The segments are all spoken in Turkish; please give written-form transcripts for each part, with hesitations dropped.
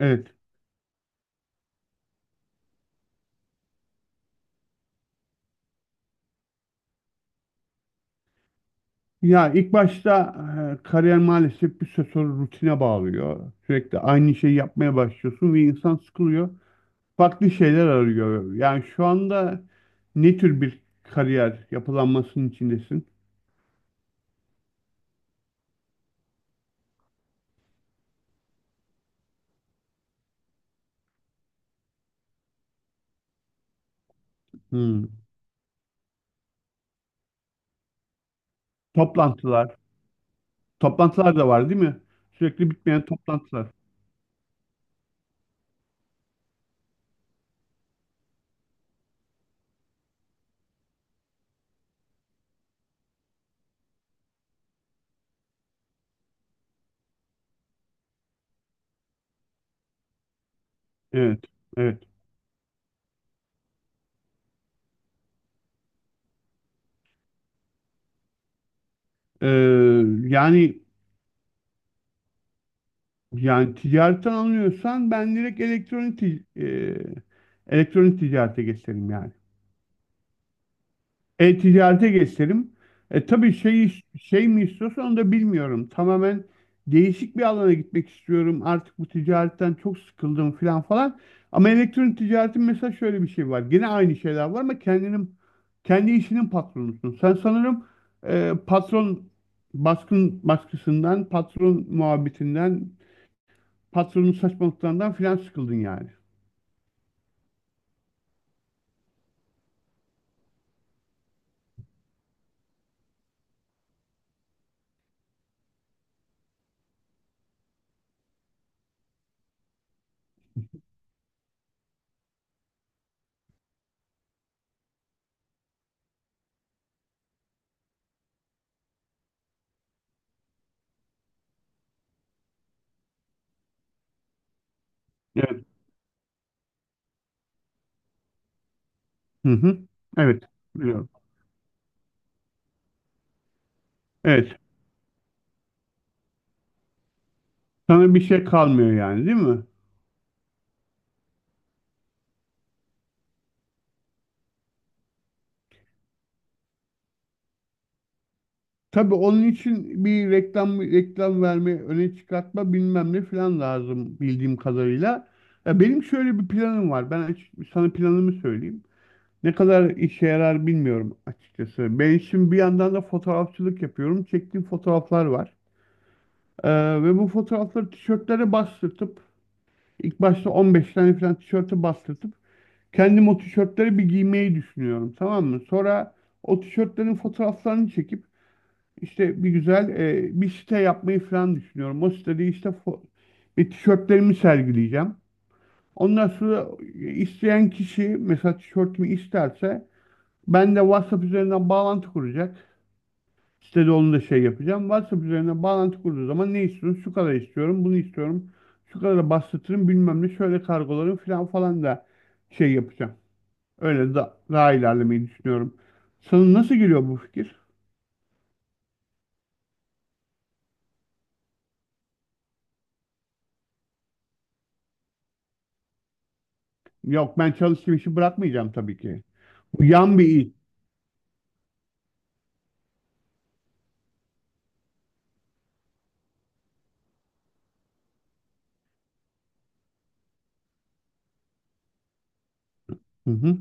Evet. Ya ilk başta kariyer maalesef bir süre sonra rutine bağlıyor. Sürekli aynı şeyi yapmaya başlıyorsun ve insan sıkılıyor. Farklı şeyler arıyor. Yani şu anda ne tür bir kariyer yapılanmasının içindesin? Hmm. Toplantılar. Toplantılar da var değil mi? Sürekli bitmeyen toplantılar. Evet. Evet. Ee, yani yani ticaretten anlıyorsan ben direkt elektronik elektronik ticarete geçerim yani. E-ticarete geçelim. Tabii şey mi istiyorsun onu da bilmiyorum. Tamamen değişik bir alana gitmek istiyorum. Artık bu ticaretten çok sıkıldım falan falan. Ama elektronik ticaretin mesela şöyle bir şey var. Gene aynı şeyler var ama kendi işinin patronusun. Sen sanırım patron baskısından, patron muhabbetinden, patronun saçmalıklarından filan sıkıldın yani. Evet. Hı hı. Evet. Biliyorum. Evet. Sana bir şey kalmıyor yani değil mi? Tabii onun için bir reklam verme, öne çıkartma bilmem ne falan lazım bildiğim kadarıyla. Ya benim şöyle bir planım var. Ben açık, sana planımı söyleyeyim. Ne kadar işe yarar bilmiyorum açıkçası. Ben şimdi bir yandan da fotoğrafçılık yapıyorum. Çektiğim fotoğraflar var. Ee, ve bu fotoğrafları tişörtlere bastırtıp ilk başta 15 tane falan tişörte bastırtıp kendim o tişörtleri bir giymeyi düşünüyorum. Tamam mı? Sonra o tişörtlerin fotoğraflarını çekip işte bir güzel bir site yapmayı falan düşünüyorum. O sitede işte ve tişörtlerimi sergileyeceğim. Ondan sonra isteyen kişi mesela tişörtümü isterse ben de WhatsApp üzerinden bağlantı kuracak. Sitede onu da şey yapacağım. WhatsApp üzerinden bağlantı kurduğu zaman ne istiyorsun? Şu kadar istiyorum, bunu istiyorum. Şu kadar bastırırım bilmem ne şöyle kargolarım falan falan da şey yapacağım. Daha ilerlemeyi düşünüyorum. Sana nasıl geliyor bu fikir? Yok ben çalıştığım işi bırakmayacağım tabii ki. Uyan bir il. Hı hı.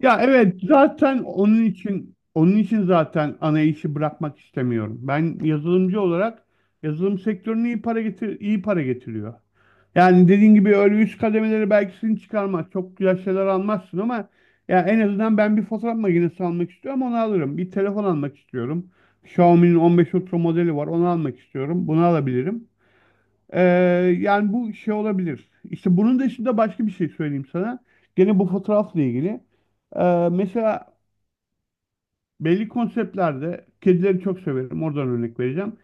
Ya evet zaten onun için zaten ana işi bırakmak istemiyorum. Ben yazılımcı olarak yazılım sektörüne iyi para getiriyor. Yani dediğin gibi öyle üst kademeleri belki seni çıkarmaz. Çok güzel şeyler almazsın ama ya en azından ben bir fotoğraf makinesi almak istiyorum onu alırım. Bir telefon almak istiyorum. Xiaomi'nin 15 Ultra modeli var onu almak istiyorum. Bunu alabilirim. Ee, yani bu şey olabilir. İşte bunun dışında başka bir şey söyleyeyim sana. Gene bu fotoğrafla ilgili. Mesela belli konseptlerde kedileri çok severim. Oradan örnek vereceğim.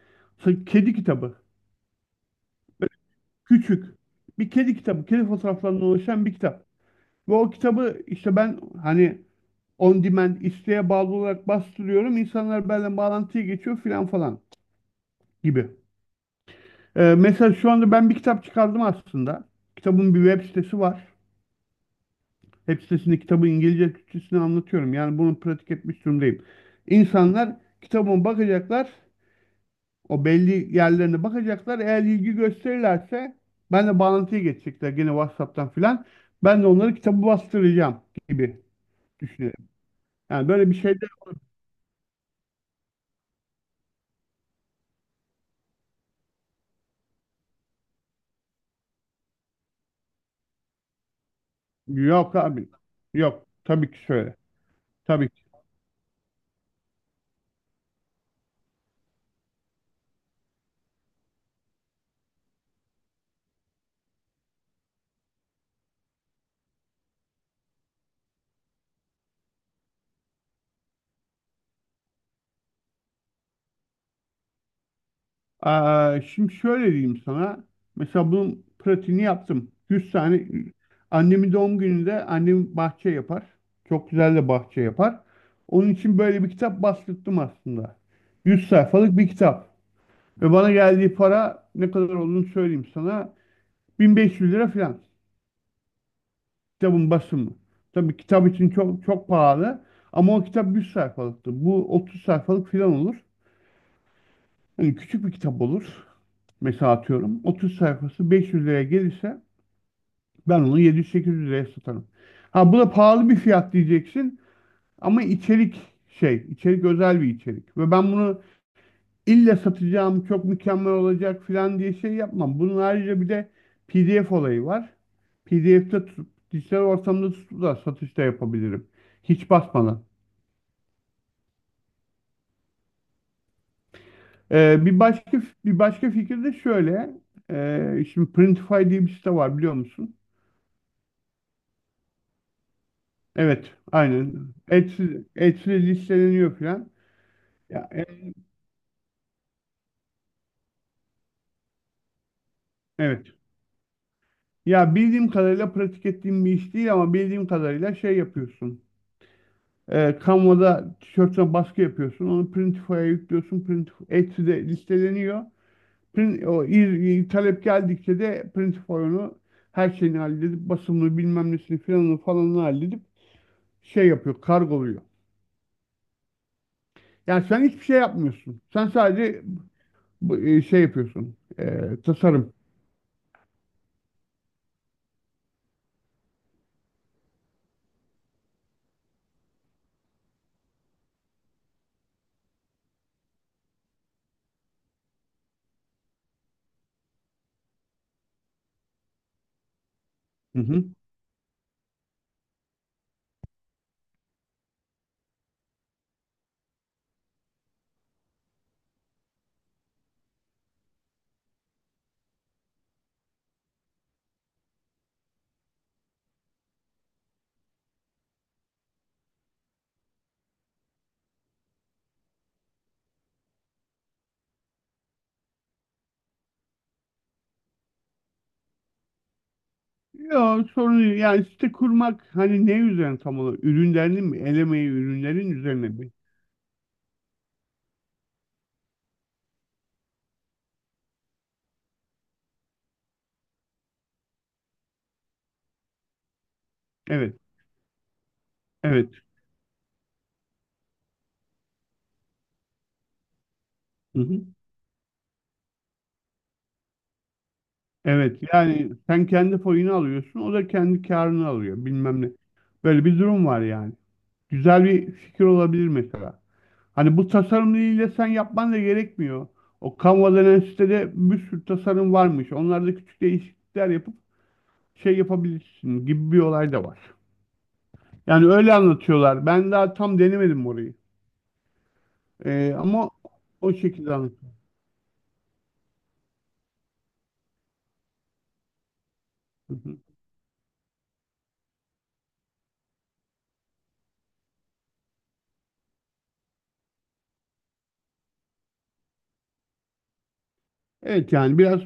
Kedi kitabı. Küçük. Bir kedi kitabı. Kedi fotoğraflarından oluşan bir kitap. Ve o kitabı işte ben hani on demand isteğe bağlı olarak bastırıyorum. İnsanlar benimle bağlantıya geçiyor filan falan gibi. Mesela şu anda ben bir kitap çıkardım aslında. Kitabın bir web sitesi var. Web sitesinde kitabı İngilizce Türkçesine anlatıyorum. Yani bunu pratik etmiş durumdayım. İnsanlar kitabıma bakacaklar. O belli yerlerine bakacaklar. Eğer ilgi gösterirlerse ben de bağlantıya geçecekler gene WhatsApp'tan filan. Ben de onları kitabı bastıracağım gibi düşünüyorum. Yani böyle bir şey de yok abi. Yok. Tabii ki şöyle. Tabii. Şimdi şöyle diyeyim sana. Mesela bunun pratiğini yaptım. 100 tane annemin doğum gününde annem bahçe yapar. Çok güzel de bahçe yapar. Onun için böyle bir kitap bastırdım aslında. 100 sayfalık bir kitap. Ve bana geldiği para ne kadar olduğunu söyleyeyim sana. 1500 lira falan. Kitabın basımı. Tabii kitap için çok çok pahalı. Ama o kitap 100 sayfalıktı. Bu 30 sayfalık falan olur. Hani küçük bir kitap olur. Mesela atıyorum 30 sayfası 500 liraya gelirse ben onu 700-800 liraya satarım. Ha bu da pahalı bir fiyat diyeceksin ama içerik içerik özel bir içerik. Ve ben bunu illa satacağım, çok mükemmel olacak falan diye şey yapmam. Bunun ayrıca bir de PDF olayı var. PDF'de tutup, dijital ortamda tutup da satışta yapabilirim. Hiç basmadan. Bir başka fikir de şöyle. Şimdi Printify diye bir site var biliyor musun? Evet, aynen. Etsiz listeleniyor falan. Ya, evet. Ya bildiğim kadarıyla pratik ettiğim bir iş değil ama bildiğim kadarıyla şey yapıyorsun. Canva'da tişörtüne baskı yapıyorsun. Onu Printify'a yüklüyorsun. Etsy'de listeleniyor. Print, o, il- talep geldikçe de Printify onu her şeyini halledip basımını bilmem nesini filanını falanını halledip şey yapıyor. Kargoluyor. Yani sen hiçbir şey yapmıyorsun. Sen sadece şey yapıyorsun. Tasarım. Yok sorun değil. Yani site kurmak hani ne üzerine tam olarak? Ürünlerin mi? Elemeyi ürünlerin üzerine mi? Evet. Evet. Hı hı. Evet. Yani sen kendi payını alıyorsun. O da kendi karını alıyor. Bilmem ne. Böyle bir durum var yani. Güzel bir fikir olabilir mesela. Hani bu tasarımıyla sen yapman da gerekmiyor. O Canva denen sitede bir sürü tasarım varmış. Onlarda küçük değişiklikler yapıp şey yapabilirsin gibi bir olay da var. Yani öyle anlatıyorlar. Ben daha tam denemedim orayı. Ama o şekilde anlatıyor. Hı hı. Evet yani biraz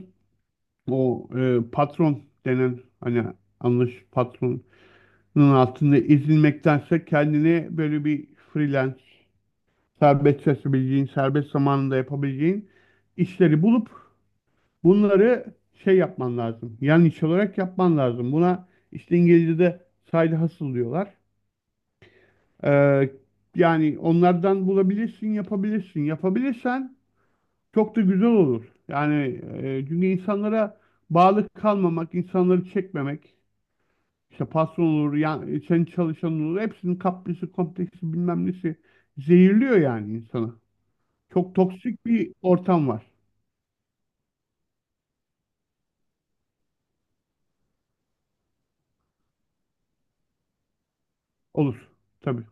o patron denen hani patronun altında ezilmektense kendine böyle bir freelance serbest çalışabileceğin, serbest zamanında yapabileceğin işleri bulup bunları şey yapman lazım. Yan iş olarak yapman lazım. Buna işte İngilizce'de side hustle diyorlar. Ee, yani onlardan bulabilirsin, yapabilirsin. Yapabilirsen çok da güzel olur. Yani çünkü insanlara bağlı kalmamak, insanları çekmemek, işte patron olur, yani sen çalışan olur, hepsinin kaprisi, kompleksi bilmem nesi zehirliyor yani insanı. Çok toksik bir ortam var. Olur. Tabii.